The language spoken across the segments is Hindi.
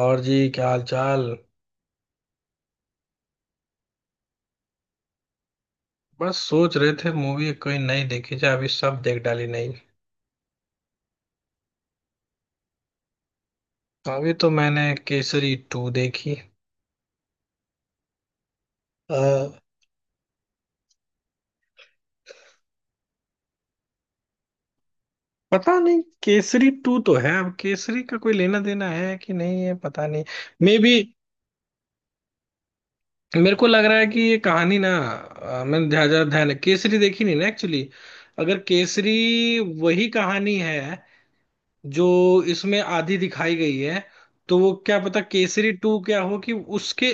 और जी, क्या हाल चाल। बस सोच रहे थे, मूवी कोई नई देखी जाए। अभी सब देख डाली नहीं। अभी तो मैंने केसरी टू देखी। अ, पता नहीं, केसरी टू तो है, अब केसरी का कोई लेना देना है कि नहीं है पता नहीं। मे बी मेरे को लग रहा है कि ये कहानी ना मैंने ध्यान ध्यान- ध्यान- केसरी देखी नहीं ना एक्चुअली। अगर केसरी वही कहानी है जो इसमें आधी दिखाई गई है, तो वो क्या पता केसरी टू क्या हो, कि उसके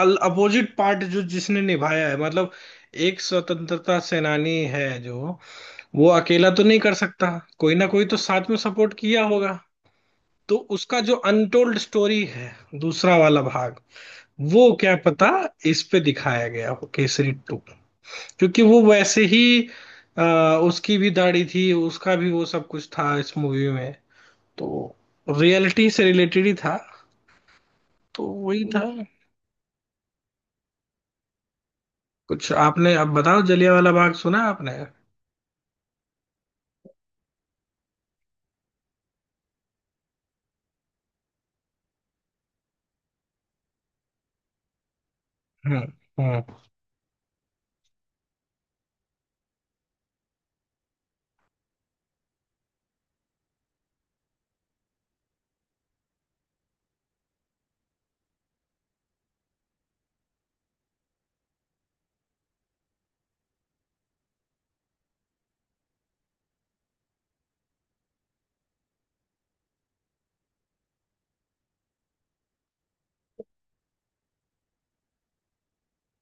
अपोजिट पार्ट जो जिसने निभाया है, मतलब एक स्वतंत्रता सेनानी है जो, वो अकेला तो नहीं कर सकता, कोई ना कोई तो साथ में सपोर्ट किया होगा। तो उसका जो अनटोल्ड स्टोरी है, दूसरा वाला भाग, वो क्या पता इस पे दिखाया गया हो केसरी टू। क्योंकि वो वैसे ही उसकी भी दाढ़ी थी, उसका भी वो सब कुछ था इस मूवी में। तो रियलिटी से रिलेटेड ही था, तो वही था। कुछ आपने अब बताओ, जलियांवाला बाग सुना है आपने? हम्म। हम्म।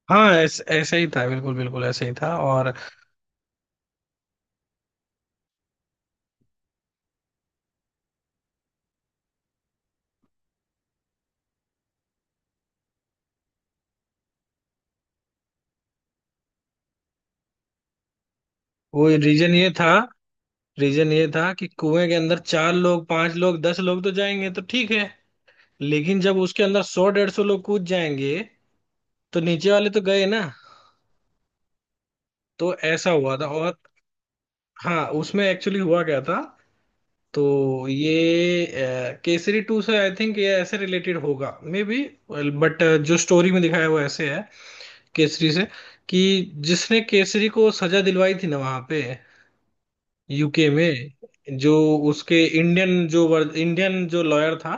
हाँ, ऐसे ही था, बिल्कुल बिल्कुल ऐसे ही था। और वो रीजन ये था कि कुएं के अंदर चार लोग पांच लोग 10 लोग तो जाएंगे तो ठीक है, लेकिन जब उसके अंदर 100, 150 लोग कूद जाएंगे, तो नीचे वाले तो गए ना। तो ऐसा हुआ था। और हाँ, उसमें एक्चुअली हुआ क्या था। तो ये केसरी टू से आई थिंक ये ऐसे रिलेटेड होगा मे बी। बट जो स्टोरी में दिखाया है वो ऐसे है केसरी से, कि जिसने केसरी को सजा दिलवाई थी ना वहां पे यूके में जो, उसके इंडियन जो इंडियन जो लॉयर था,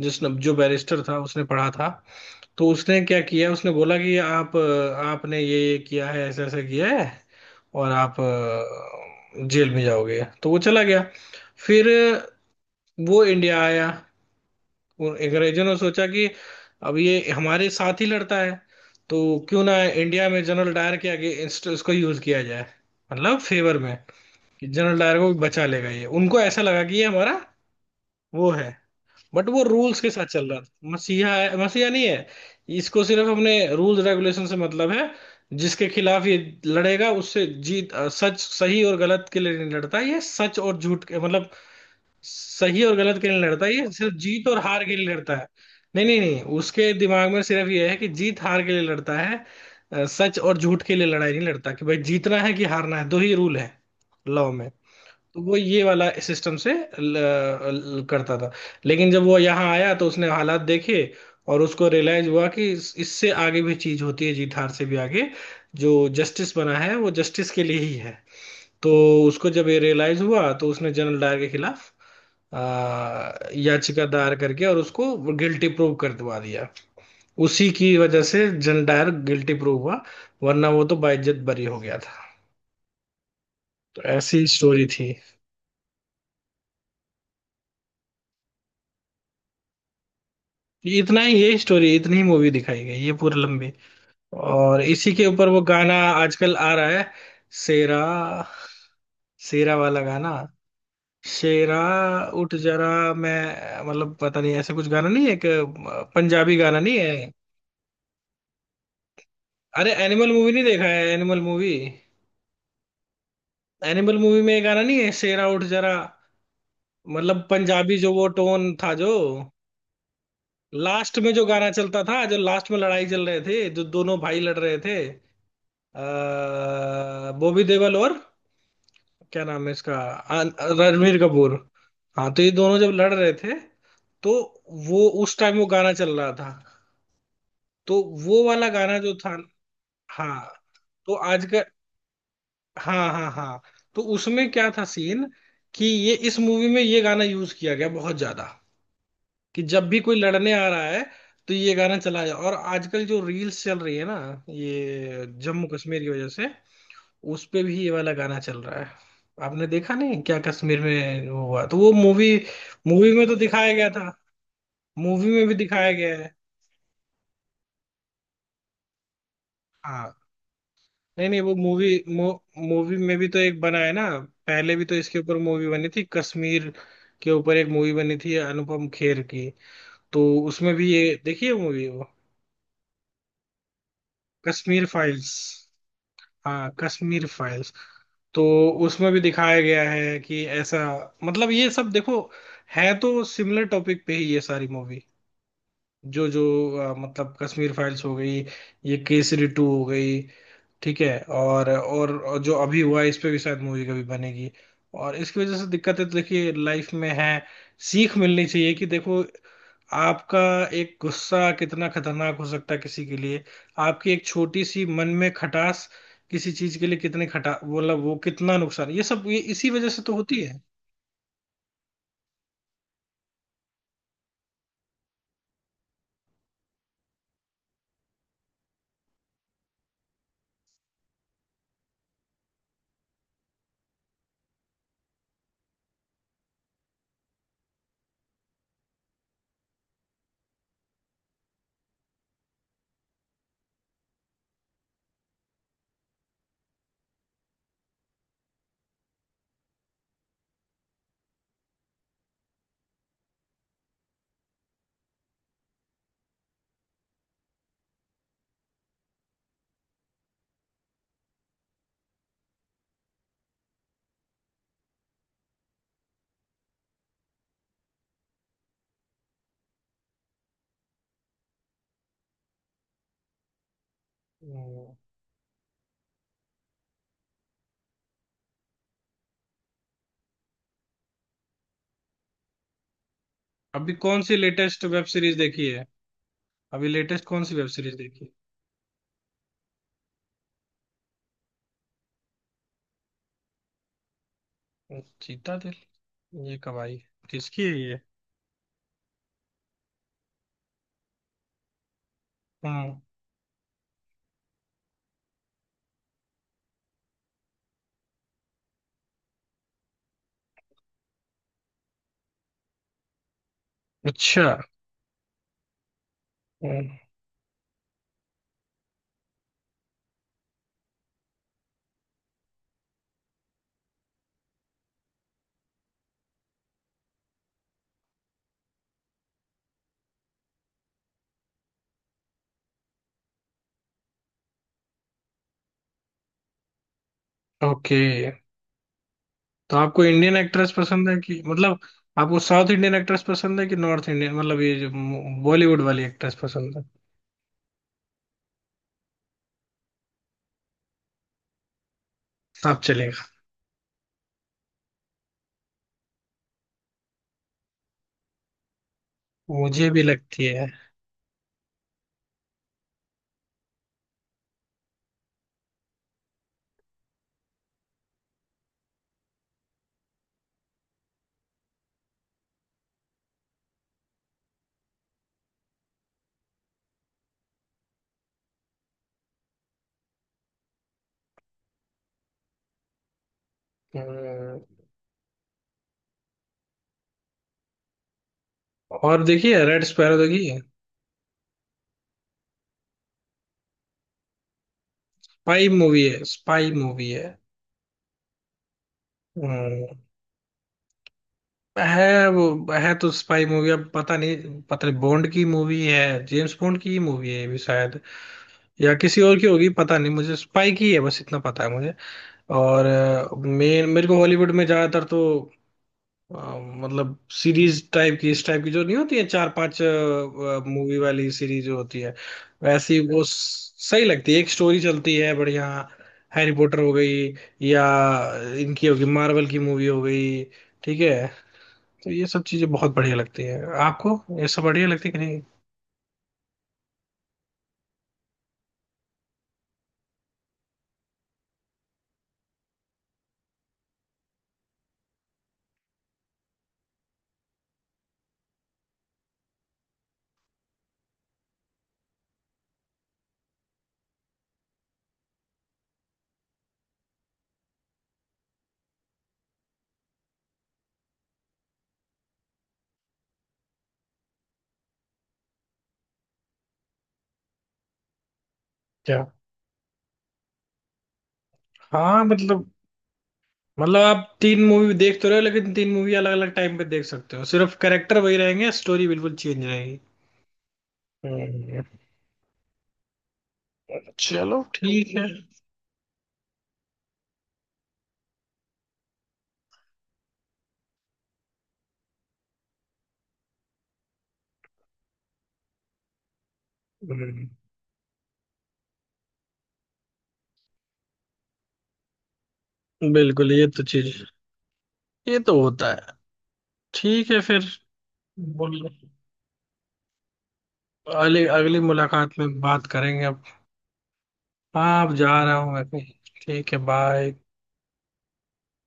जिसने जो बैरिस्टर था उसने पढ़ा था। तो उसने क्या किया, उसने बोला कि आप आपने ये किया है, ऐसा ऐसा किया है, और आप जेल में जाओगे। तो वो चला गया। फिर वो इंडिया आया, उन अंग्रेजों ने सोचा कि अब ये हमारे साथ ही लड़ता है, तो क्यों ना इंडिया में जनरल डायर के आगे इसको यूज किया जाए, मतलब फेवर में। कि जनरल डायर को बचा लेगा ये, उनको ऐसा लगा कि ये हमारा वो है। बट वो रूल्स के साथ चल रहा था, मसीहा है मसीहा नहीं है, इसको सिर्फ हमने रूल्स रेगुलेशन से मतलब है। जिसके खिलाफ ये लड़ेगा उससे जीत, सच, सही और गलत के लिए नहीं लड़ता ये, सच और झूठ के मतलब, सही और गलत के लिए नहीं लड़ता ये, सिर्फ जीत और हार के लिए लड़ता है। नहीं नहीं नहीं, उसके दिमाग में सिर्फ ये है कि जीत हार के लिए लड़ता है। सच और झूठ के लिए लड़ाई नहीं लड़ता, कि भाई जीतना है कि हारना है, दो ही रूल है लॉ में। तो वो ये वाला सिस्टम से ल, ल, करता था। लेकिन जब वो यहाँ आया तो उसने हालात देखे, और उसको रियलाइज हुआ कि इससे आगे भी चीज होती है, जीत हार से भी आगे। जो जस्टिस बना है वो जस्टिस के लिए ही है। तो उसको जब ये रियलाइज हुआ, तो उसने जनरल डायर के खिलाफ आ, याचिका दायर करके और उसको गिल्टी प्रूव कर दवा दिया। उसी की वजह से जनरल डायर गिल्टी प्रूव हुआ, वरना वो तो बाइज्जत बरी हो गया था। तो ऐसी स्टोरी थी। इतना ही, ये स्टोरी इतनी ही मूवी दिखाई गई, ये पूरी लंबी। और इसी के ऊपर वो गाना आजकल आ रहा है, शेरा। शेरा वाला गाना, शेरा उठ जरा। मैं, मतलब पता नहीं, ऐसा कुछ गाना नहीं है, एक पंजाबी गाना नहीं है? अरे एनिमल मूवी नहीं देखा है, एनिमल मूवी? एनिमल मूवी में ये गाना नहीं है, शेरा उठ जरा? मतलब पंजाबी जो वो टोन था, जो लास्ट में जो गाना चलता था, जो लास्ट में लड़ाई चल रहे थे, जो दोनों भाई लड़ रहे थे, बॉबी देओल और क्या नाम है इसका, अन- रणवीर कपूर। हाँ, तो ये दोनों जब लड़ रहे थे, तो वो उस टाइम वो गाना चल रहा था। तो वो वाला गाना जो था। हाँ, तो आज का, हाँ हाँ हाँ। तो उसमें क्या था सीन, कि ये इस मूवी में ये गाना यूज किया गया बहुत ज्यादा, कि जब भी कोई लड़ने आ रहा है, तो ये गाना चला जाए। और आजकल जो रील्स चल रही है ना, ये जम्मू कश्मीर की वजह से, उस पे भी ये वाला गाना चल रहा है। आपने देखा नहीं क्या, कश्मीर में वो हुआ, तो वो मूवी, मूवी में तो दिखाया गया था, मूवी में भी दिखाया गया है। हाँ, नहीं नहीं, वो मूवी, मूवी में भी तो एक बना है ना, पहले भी तो इसके ऊपर मूवी बनी थी, कश्मीर के ऊपर एक मूवी बनी थी अनुपम खेर की। तो उसमें भी ये देखिए मूवी वो, कश्मीर फाइल्स। हाँ, कश्मीर फाइल्स। तो उसमें भी दिखाया गया है कि ऐसा, मतलब ये सब देखो, है तो सिमिलर टॉपिक पे ही ये सारी मूवी। जो जो मतलब कश्मीर फाइल्स हो गई, ये केसरी टू हो गई, ठीक है, और जो अभी हुआ है, इस पे भी शायद मूवी कभी बनेगी। और इसकी वजह से दिक्कतें तो देखिए लाइफ में है, सीख मिलनी चाहिए कि देखो, आपका एक गुस्सा कितना खतरनाक हो सकता है किसी के लिए, आपकी एक छोटी सी मन में खटास किसी चीज के लिए कितने खटा, मतलब वो कितना नुकसान, ये सब ये इसी वजह से तो होती है। हम्म। अभी कौन सी लेटेस्ट वेब सीरीज देखी है? अभी लेटेस्ट कौन सी वेब सीरीज देखी है? चीता दिल? ये कब आई? किसकी है ये? हम्म। अच्छा। हम्म। ओके। तो आपको इंडियन एक्ट्रेस पसंद है कि मतलब, आपको साउथ इंडियन एक्ट्रेस पसंद है कि नॉर्थ इंडियन मतलब ये जो बॉलीवुड वाली एक्ट्रेस पसंद है? आप चलेगा? मुझे भी लगती है। हम्म। और देखिए रेड स्पैरो देखिए। स्पाई मूवी है, स्पाई मूवी है। हम्म। है वो, है तो स्पाई मूवी, अब पता नहीं, पता नहीं, बॉन्ड की मूवी है, जेम्स बॉन्ड की ही मूवी है ये भी शायद, या किसी और की होगी पता नहीं, मुझे स्पाई की है बस इतना पता है मुझे। और मेन, मेरे को हॉलीवुड में ज्यादातर तो मतलब सीरीज टाइप की, इस टाइप की जो नहीं होती है, चार पांच मूवी वाली सीरीज जो होती है वैसी, वो सही लगती है, एक स्टोरी चलती है बढ़िया। हैरी पॉटर हो गई, या इनकी हो गई, मार्वल की मूवी हो गई, ठीक है। तो ये सब चीजें बहुत बढ़िया लगती है। आपको ये सब बढ़िया लगती है कि नहीं? क्या? हाँ मतलब, मतलब आप तीन मूवी देख तो रहे हो, लेकिन तीन मूवी अलग अलग टाइम पे देख सकते हो, सिर्फ कैरेक्टर वही रहेंगे, स्टोरी बिल्कुल चेंज रहेगी। हम्म। चलो, ठीक है। हम्म। बिल्कुल, ये तो चीज, ये तो होता है। ठीक है फिर। बोल, अगली अगली मुलाकात में बात करेंगे अब। हाँ, अब जा रहा हूँ मैं कहीं। ठीक है, बाय।